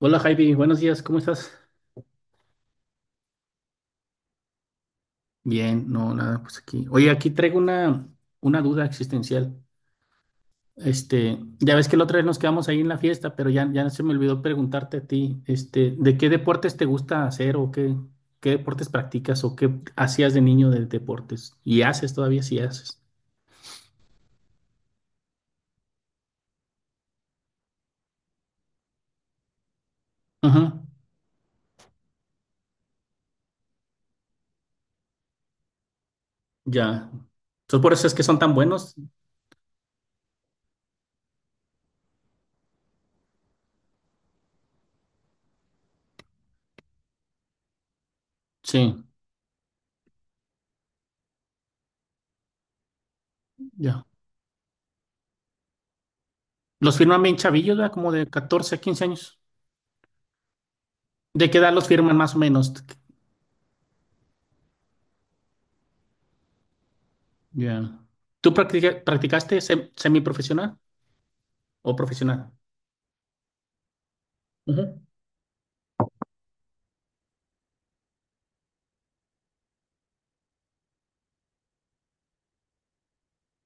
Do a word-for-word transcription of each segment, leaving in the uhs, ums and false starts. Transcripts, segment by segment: Hola Javi, buenos días, ¿cómo estás? Bien, no, nada, pues aquí. Oye, aquí traigo una, una duda existencial. Este, ya ves que la otra vez nos quedamos ahí en la fiesta, pero ya, ya se me olvidó preguntarte a ti, este, ¿de qué deportes te gusta hacer o qué, qué deportes practicas o qué hacías de niño de deportes? Y haces todavía si haces. Ajá, ya. Entonces por eso es que son tan buenos. Sí, ya. Los firman bien chavillos, ¿verdad? Como de catorce a quince años. ¿De qué edad los firman más o menos? Ya. ¿Tú practica- practicaste sem- semiprofesional o profesional? Ujú.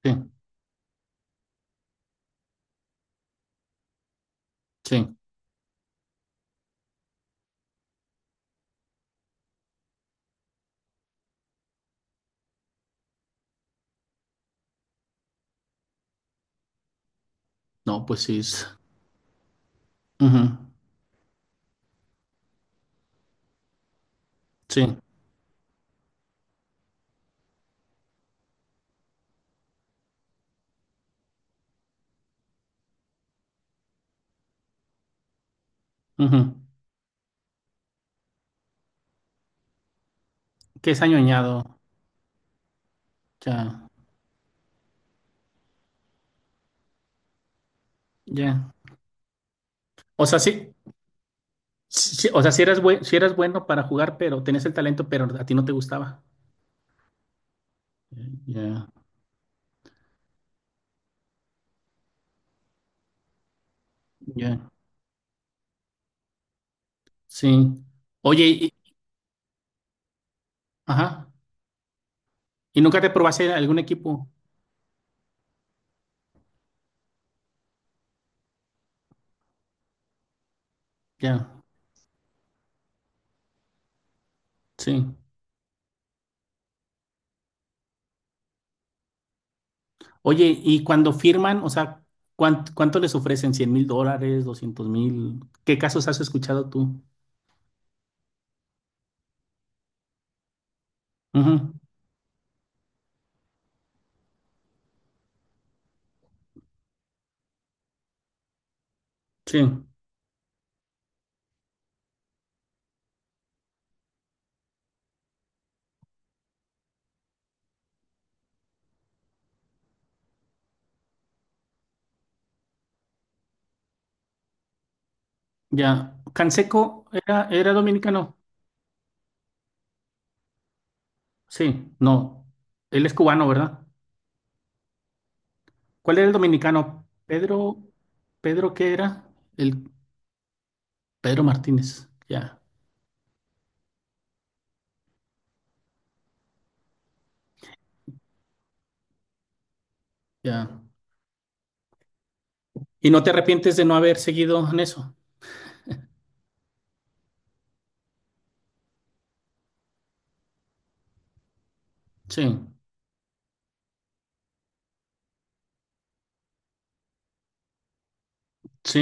Sí, sí. No, pues sí. Es- ujú, sí. Ujú. ¿Qué es añoñado? Ya, ya. O sea, sí, sí, o sea, si eras buen, si eras bueno para jugar, pero tenías el talento, pero a ti no te gustaba. Ya, ya. Sí. Oye, y- ajá. ¿Y nunca te probaste en algún equipo? Ya, sí. Oye, y cuando firman, o sea, ¿cuán- ¿cuánto les ofrecen? ¿Cien mil dólares? ¿Doscientos mil? ¿Qué casos has escuchado tú? Ujú, sí, ya. Canseco era, era dominicano. Sí, no. Él es cubano, ¿verdad? ¿Cuál era el dominicano? Pedro, Pedro, ¿qué era? El Pedro Martínez. Ya, ya. ¿Y no te arrepientes de no haber seguido en eso? Sí, sí,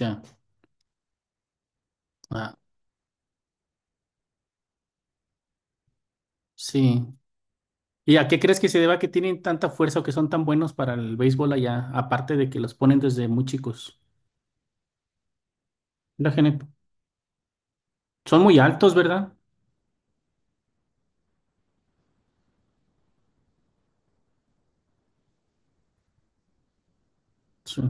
ya. Ah, sí. ¿Y a qué crees que se deba que tienen tanta fuerza o que son tan buenos para el béisbol allá? Aparte de que los ponen desde muy chicos. La gente. Son muy altos, ¿verdad? Sí,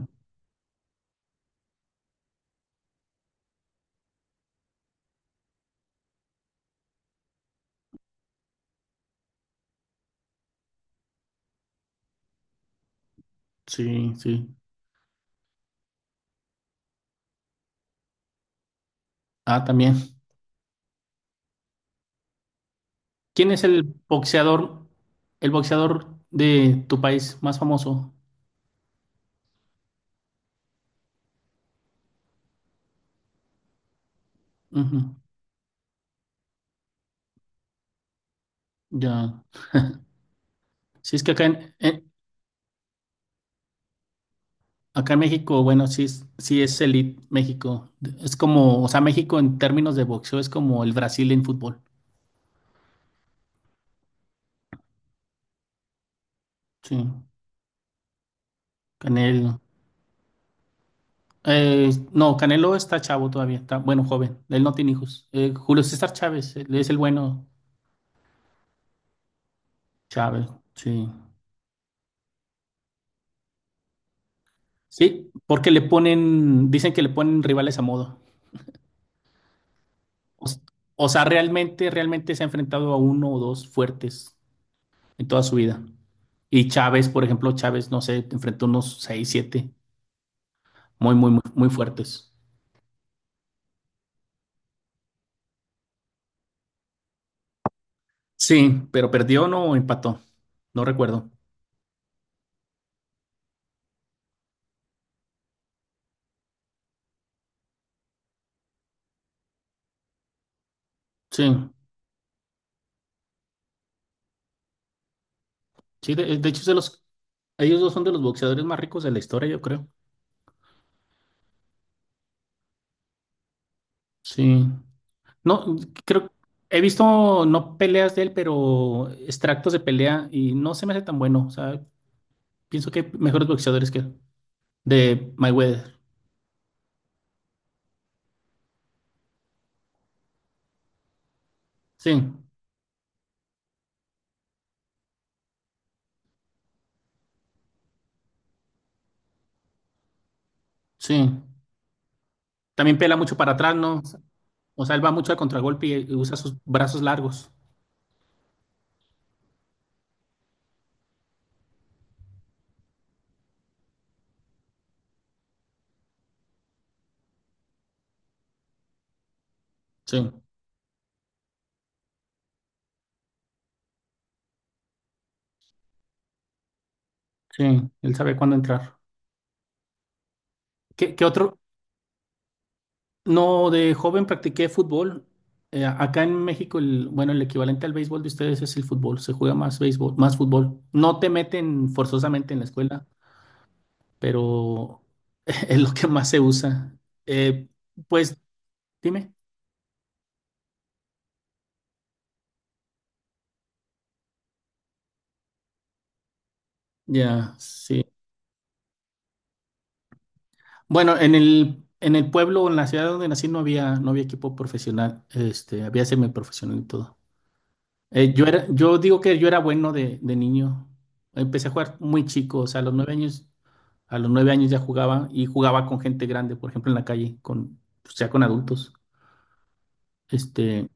sí, sí. Ah, también. ¿Quién es el boxeador, el boxeador de tu país más famoso? Ujú, ya. Si es que acá en, en- acá en México, bueno, sí, es- sí es elite México. Es como, o sea, México en términos de boxeo es como el Brasil en fútbol. Sí. Canelo. Eh, no, Canelo está chavo todavía, está bueno, joven. Él no tiene hijos. Eh, Julio César Chávez, él es el bueno. Chávez, sí. Sí, porque le ponen, dicen que le ponen rivales a modo. O, s- o sea, realmente, realmente se ha enfrentado a uno o dos fuertes en toda su vida. Y Chávez, por ejemplo, Chávez, no sé, enfrentó unos seis, siete, muy, muy, muy, muy fuertes. Sí, pero perdió o no empató, no recuerdo. Sí, sí, de, de hecho, es de los, ellos dos son de los boxeadores más ricos de la historia, yo creo. Sí. No, creo, he visto no peleas de él, pero extractos de pelea y no se me hace tan bueno. O sea, pienso que hay mejores boxeadores que él. De Mayweather. Sí, sí. También pela mucho para atrás, ¿no? O sea, él va mucho al contragolpe y, y usa sus brazos largos. Sí, sí. Él sabe cuándo entrar. ¿Qué, qué otro, No, de joven practiqué fútbol. Eh, acá en México, el, bueno, el equivalente al béisbol de ustedes es el fútbol. Se juega más béisbol, más fútbol. No te meten forzosamente en la escuela, pero es lo que más se usa. Eh, pues, dime. Ya, sí. Bueno, en el, en el pueblo, en la ciudad donde nací, no había, no había equipo profesional. Este, había semiprofesional y todo. Eh, yo era, yo digo que yo era bueno de, de niño. Empecé a jugar muy chico, o sea, a los nueve años, a los nueve años ya jugaba y jugaba con gente grande, por ejemplo, en la calle, con, o sea, con adultos. Este,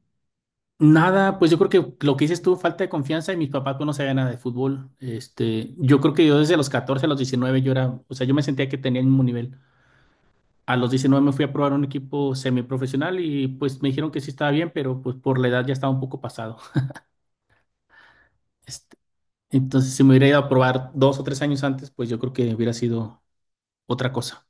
nada, pues yo creo que lo que hice estuvo falta de confianza y mis papás pues, no sabían nada de fútbol. Este, yo creo que yo desde los catorce a los diecinueve yo era, o sea, yo me sentía que tenía el mismo nivel. A los diecinueve me fui a probar un equipo semiprofesional y pues me dijeron que sí estaba bien, pero pues por la edad ya estaba un poco pasado. Entonces, si me hubiera ido a probar dos o tres años antes, pues yo creo que hubiera sido otra cosa.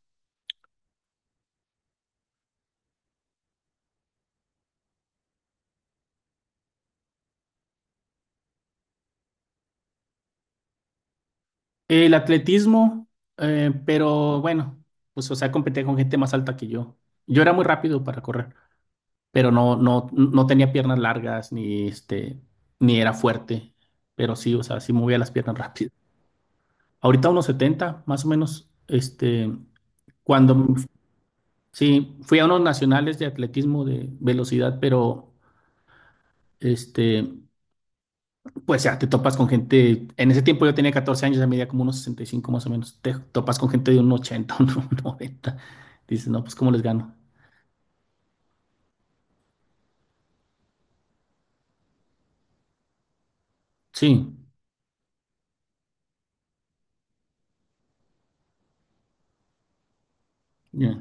El atletismo, eh, pero bueno, pues o sea, competía con gente más alta que yo. Yo era muy rápido para correr, pero no, no, no tenía piernas largas, ni este, ni era fuerte, pero sí, o sea, sí movía las piernas rápido. Ahorita unos setenta más o menos, este, cuando, m- sí, fui a unos nacionales de atletismo de velocidad, pero este... Pues ya, te topas con gente, en ese tiempo yo tenía catorce años, ya medía como unos sesenta y cinco más o menos, te topas con gente de un ochenta, un noventa, dices, no, pues ¿cómo les gano? Sí, ya,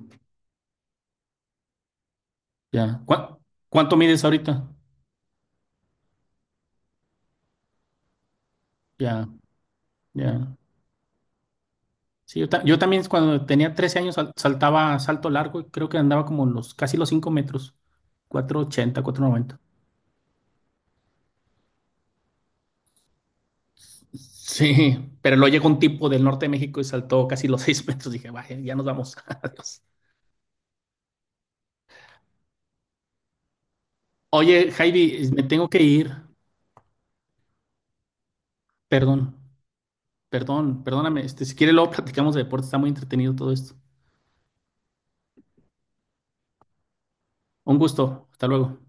ya. ¿Cuá- ¿Cuánto mides ahorita? Ya, ya. Sí, yo, ta- yo también cuando tenía trece años sal- saltaba salto largo y creo que andaba como los, casi los cinco metros, cuatrocientos ochenta, cuatrocientos noventa. Sí, pero luego llegó un tipo del norte de México y saltó casi los seis metros, dije, vaya, ya nos vamos, adiós. Oye, Javi, me tengo que ir. Perdón, perdón, perdóname. Este, si quiere, luego platicamos de deporte. Está muy entretenido todo esto. Un gusto. Hasta luego.